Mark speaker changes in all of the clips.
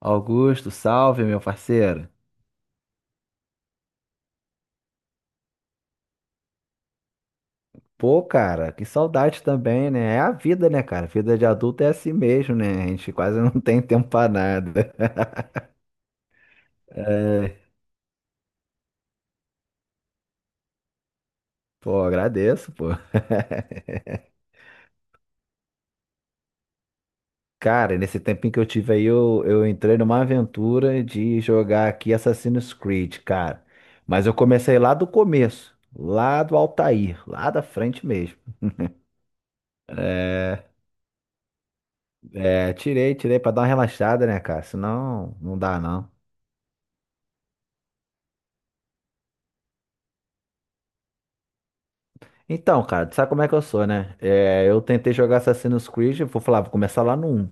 Speaker 1: Augusto, salve, meu parceiro. Pô, cara, que saudade também, né? É a vida, né, cara? Vida de adulto é assim mesmo, né? A gente quase não tem tempo pra nada. É, pô, agradeço, pô. Cara, nesse tempinho que eu tive aí, eu entrei numa aventura de jogar aqui Assassin's Creed, cara. Mas eu comecei lá do começo, lá do Altair, lá da frente mesmo. É, é, tirei, tirei pra dar uma relaxada, né, cara? Senão, não dá, não. Então, cara, tu sabe como é que eu sou, né? É, eu tentei jogar Assassin's Creed, eu vou falar, vou começar lá no um.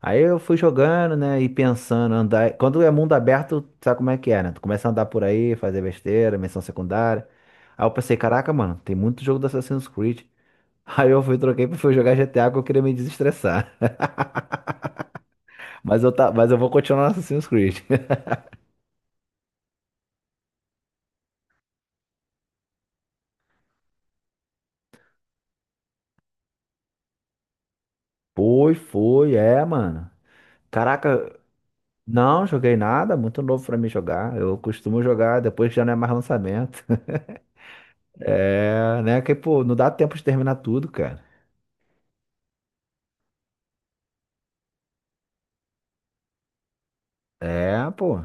Speaker 1: Aí eu fui jogando, né, e pensando, andar. Quando é mundo aberto, tu sabe como é que é, né? Tu começa a andar por aí, fazer besteira, missão secundária. Aí eu pensei, caraca, mano, tem muito jogo do Assassin's Creed. Aí eu fui, troquei pra fui jogar GTA porque eu queria me desestressar. Mas eu, tá, mas eu vou continuar no Assassin's Creed. Foi, foi, é, mano. Caraca, não joguei nada, muito novo pra mim jogar. Eu costumo jogar depois que já não é mais lançamento. É, né? Que, pô, não dá tempo de terminar tudo, cara. É, pô.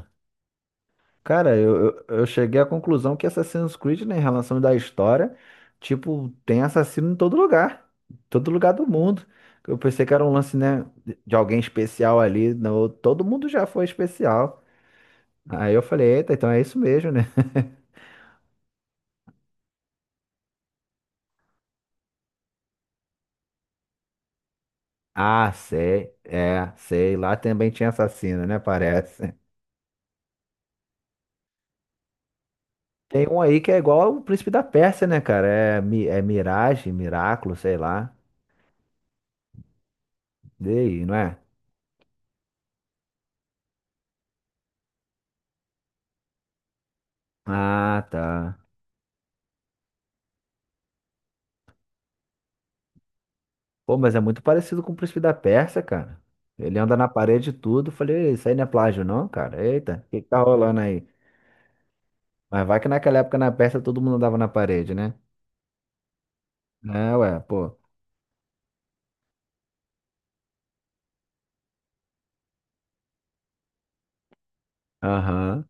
Speaker 1: Cara, eu cheguei à conclusão que Assassin's Creed, né, em relação da história, tipo, tem assassino em todo lugar. Em todo lugar do mundo. Eu pensei que era um lance, né, de alguém especial ali. Não, todo mundo já foi especial. Aí eu falei, eita, então é isso mesmo, né? Ah, sei, é, sei. Lá também tinha assassino, né? Parece. Tem um aí que é igual o Príncipe da Pérsia, né, cara? É, é Mirage, Miraculo, sei lá. Daí, não é? Ah, tá. Pô, mas é muito parecido com o príncipe da Pérsia, cara. Ele anda na parede e tudo. Falei, isso aí não é plágio, não, cara. Eita, o que que tá rolando aí? Mas vai que naquela época na Pérsia todo mundo andava na parede, né? É, ué, pô. Aham.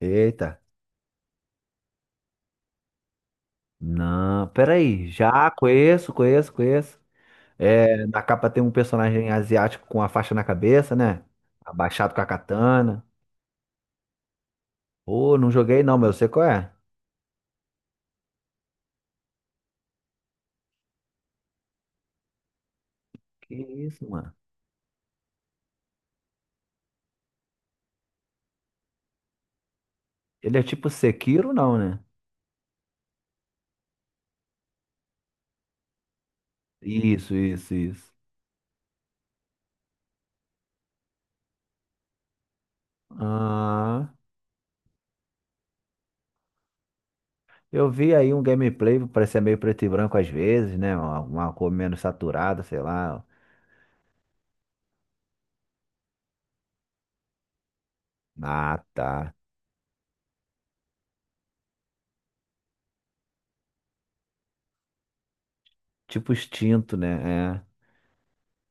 Speaker 1: Eita. Não, peraí. Já conheço, conheço, conheço. É, na capa tem um personagem asiático com a faixa na cabeça, né? Abaixado com a katana. Pô, não joguei não, mas eu sei qual é. Que isso, mano. Ele é tipo Sekiro, não, né? Isso, isso, isso. Ah, eu vi aí um gameplay, parecia meio preto e branco às vezes, né? Uma cor menos saturada, sei lá. Ah, tá. Tipo extinto, né? É.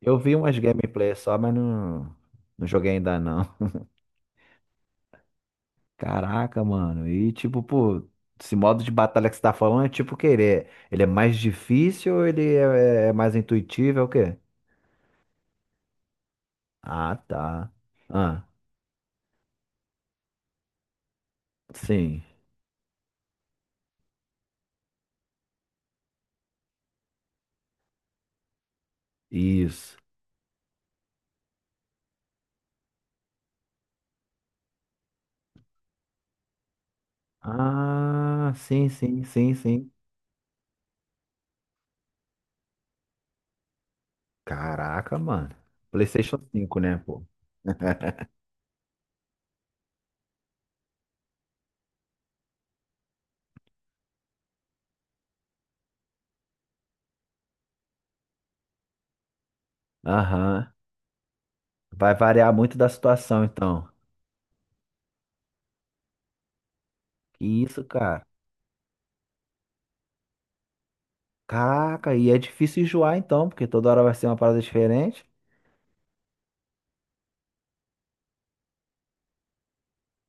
Speaker 1: Eu vi umas gameplays só, mas não, não joguei ainda não. Caraca, mano. E tipo, pô, esse modo de batalha que você tá falando é tipo o quê? Ele é mais difícil ou ele é mais intuitivo? É o quê? Ah, tá. Ah, sim. Isso. Ah, sim, sim, sim, sim. Caraca, mano. PlayStation 5, né, pô? Aham. Vai variar muito da situação, então. Que isso, cara. Caraca, e é difícil enjoar, então, porque toda hora vai ser uma parada diferente.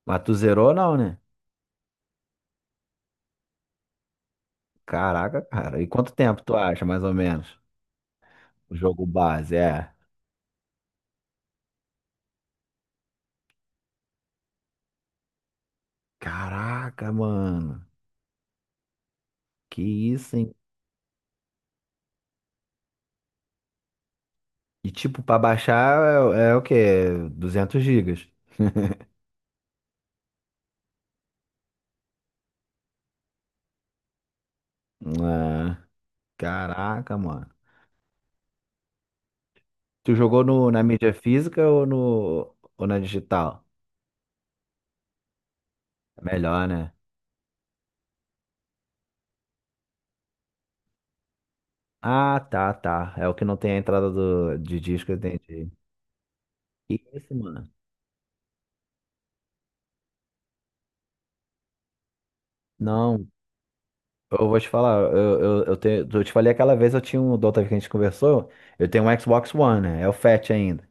Speaker 1: Mas tu zerou, não, né? Caraca, cara. E quanto tempo tu acha, mais ou menos? O jogo base, é. Caraca, mano. Que isso, hein? E, tipo, pra baixar é, é o quê? Duzentos gigas. Ah, caraca, mano. Tu jogou no, na mídia física ou, no, ou na digital? É melhor, né? Ah, tá, tá. É o que não tem a entrada do, de disco, eu entendi. Que isso, mano? Não, eu vou te falar, eu te falei aquela vez, eu tinha um, da outra vez que a gente conversou, eu tenho um Xbox One, né? É o Fat ainda.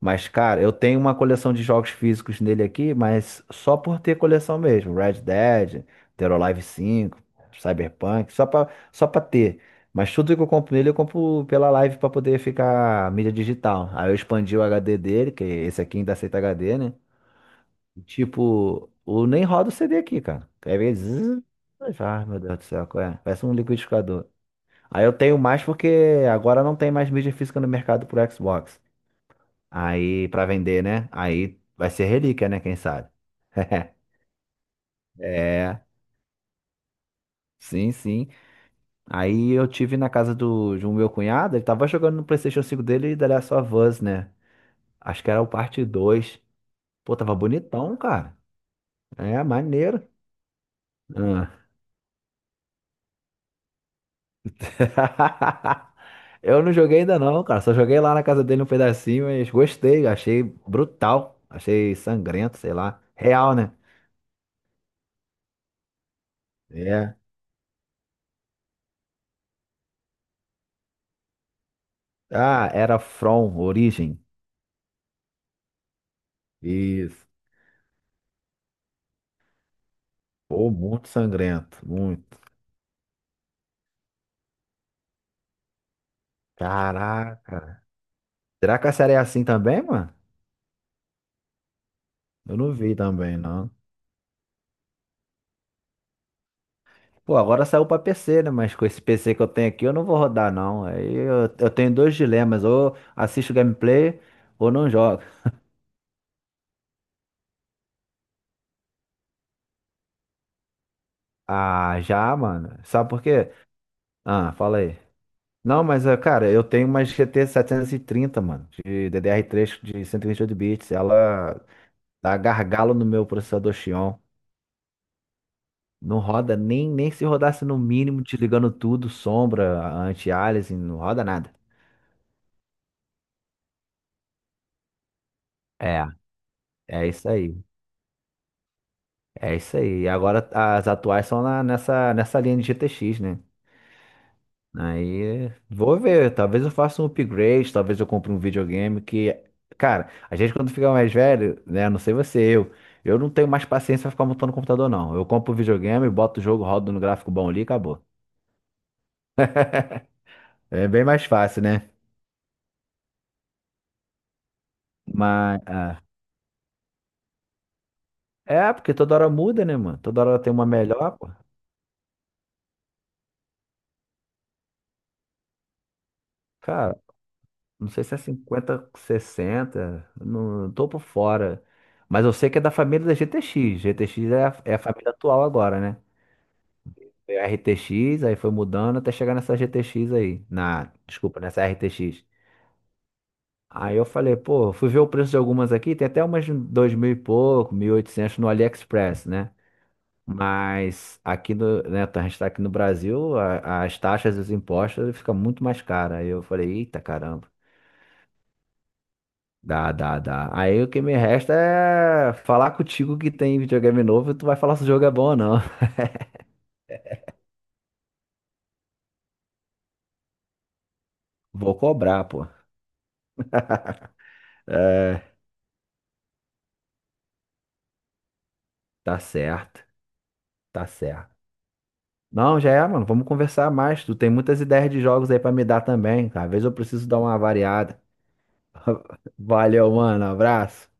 Speaker 1: Mas, cara, eu tenho uma coleção de jogos físicos nele aqui, mas só por ter coleção mesmo. Red Dead, Dead or Alive 5, Cyberpunk, só pra ter. Mas tudo que eu compro nele, eu compro pela Live pra poder ficar mídia digital. Aí eu expandi o HD dele, que esse aqui ainda aceita HD, né? Tipo, o nem roda o CD aqui, cara. Quer ver? Zzz, ah, meu Deus do céu, qual é? Parece um liquidificador. Aí eu tenho mais porque agora não tem mais mídia física no mercado pro Xbox. Aí, pra vender, né? Aí vai ser relíquia, né? Quem sabe? É, sim, sim. Aí eu tive na casa do, de um meu cunhado, ele tava jogando no PlayStation 5 dele e The Last of Us, né? Acho que era o parte 2. Pô, tava bonitão, cara. É, maneiro. Ah. Eu não joguei ainda não, cara. Só joguei lá na casa dele um pedacinho, mas gostei. Achei brutal. Achei sangrento, sei lá. Real, né? É. Ah, era From, Origem. Isso. Pô, muito sangrento, muito. Caraca. Será que a série é assim também, mano? Eu não vi também, não. Pô, agora saiu pra PC, né? Mas com esse PC que eu tenho aqui, eu não vou rodar, não. Aí eu tenho dois dilemas. Ou assisto gameplay, ou não jogo. Ah, já, mano. Sabe por quê? Ah, fala aí. Não, mas, eh, cara, eu tenho uma GT 730, mano. De DDR3 de 128 bits. Ela dá gargalo no meu processador Xeon. Não roda nem, nem se rodasse no mínimo, desligando tudo, sombra, anti-aliasing, não roda nada. É, é isso aí. É isso aí. E agora as atuais são nessa linha de GTX, né? Aí vou ver. Talvez eu faça um upgrade, talvez eu compre um videogame que. Cara, a gente quando fica mais velho, né? Não sei você, eu. Eu não tenho mais paciência pra ficar montando computador, não. Eu compro o videogame, boto o jogo, rodo no gráfico bom ali e acabou. É bem mais fácil, né? Mas. Ah, é, porque toda hora muda, né, mano? Toda hora tem uma melhor, pô. Cara, não sei se é 50, 60, não tô por fora. Mas eu sei que é da família da GTX. GTX é a, é a família atual agora, né? Foi a RTX, aí foi mudando até chegar nessa GTX aí. Na, desculpa, nessa RTX. Aí eu falei, pô, fui ver o preço de algumas aqui, tem até umas de dois mil e pouco, 1.800 no AliExpress, né? Mas aqui no, né, a gente está aqui no Brasil, as taxas e os impostos ficam muito mais caras. Aí eu falei, eita caramba, dá, dá, dá. Aí o que me resta é falar contigo que tem videogame novo e tu vai falar se o jogo é bom ou não. Vou cobrar, pô. É, tá certo, tá certo. Não, já é, mano, vamos conversar mais. Tu tem muitas ideias de jogos aí pra me dar também. Às vezes eu preciso dar uma variada. Valeu, mano, abraço.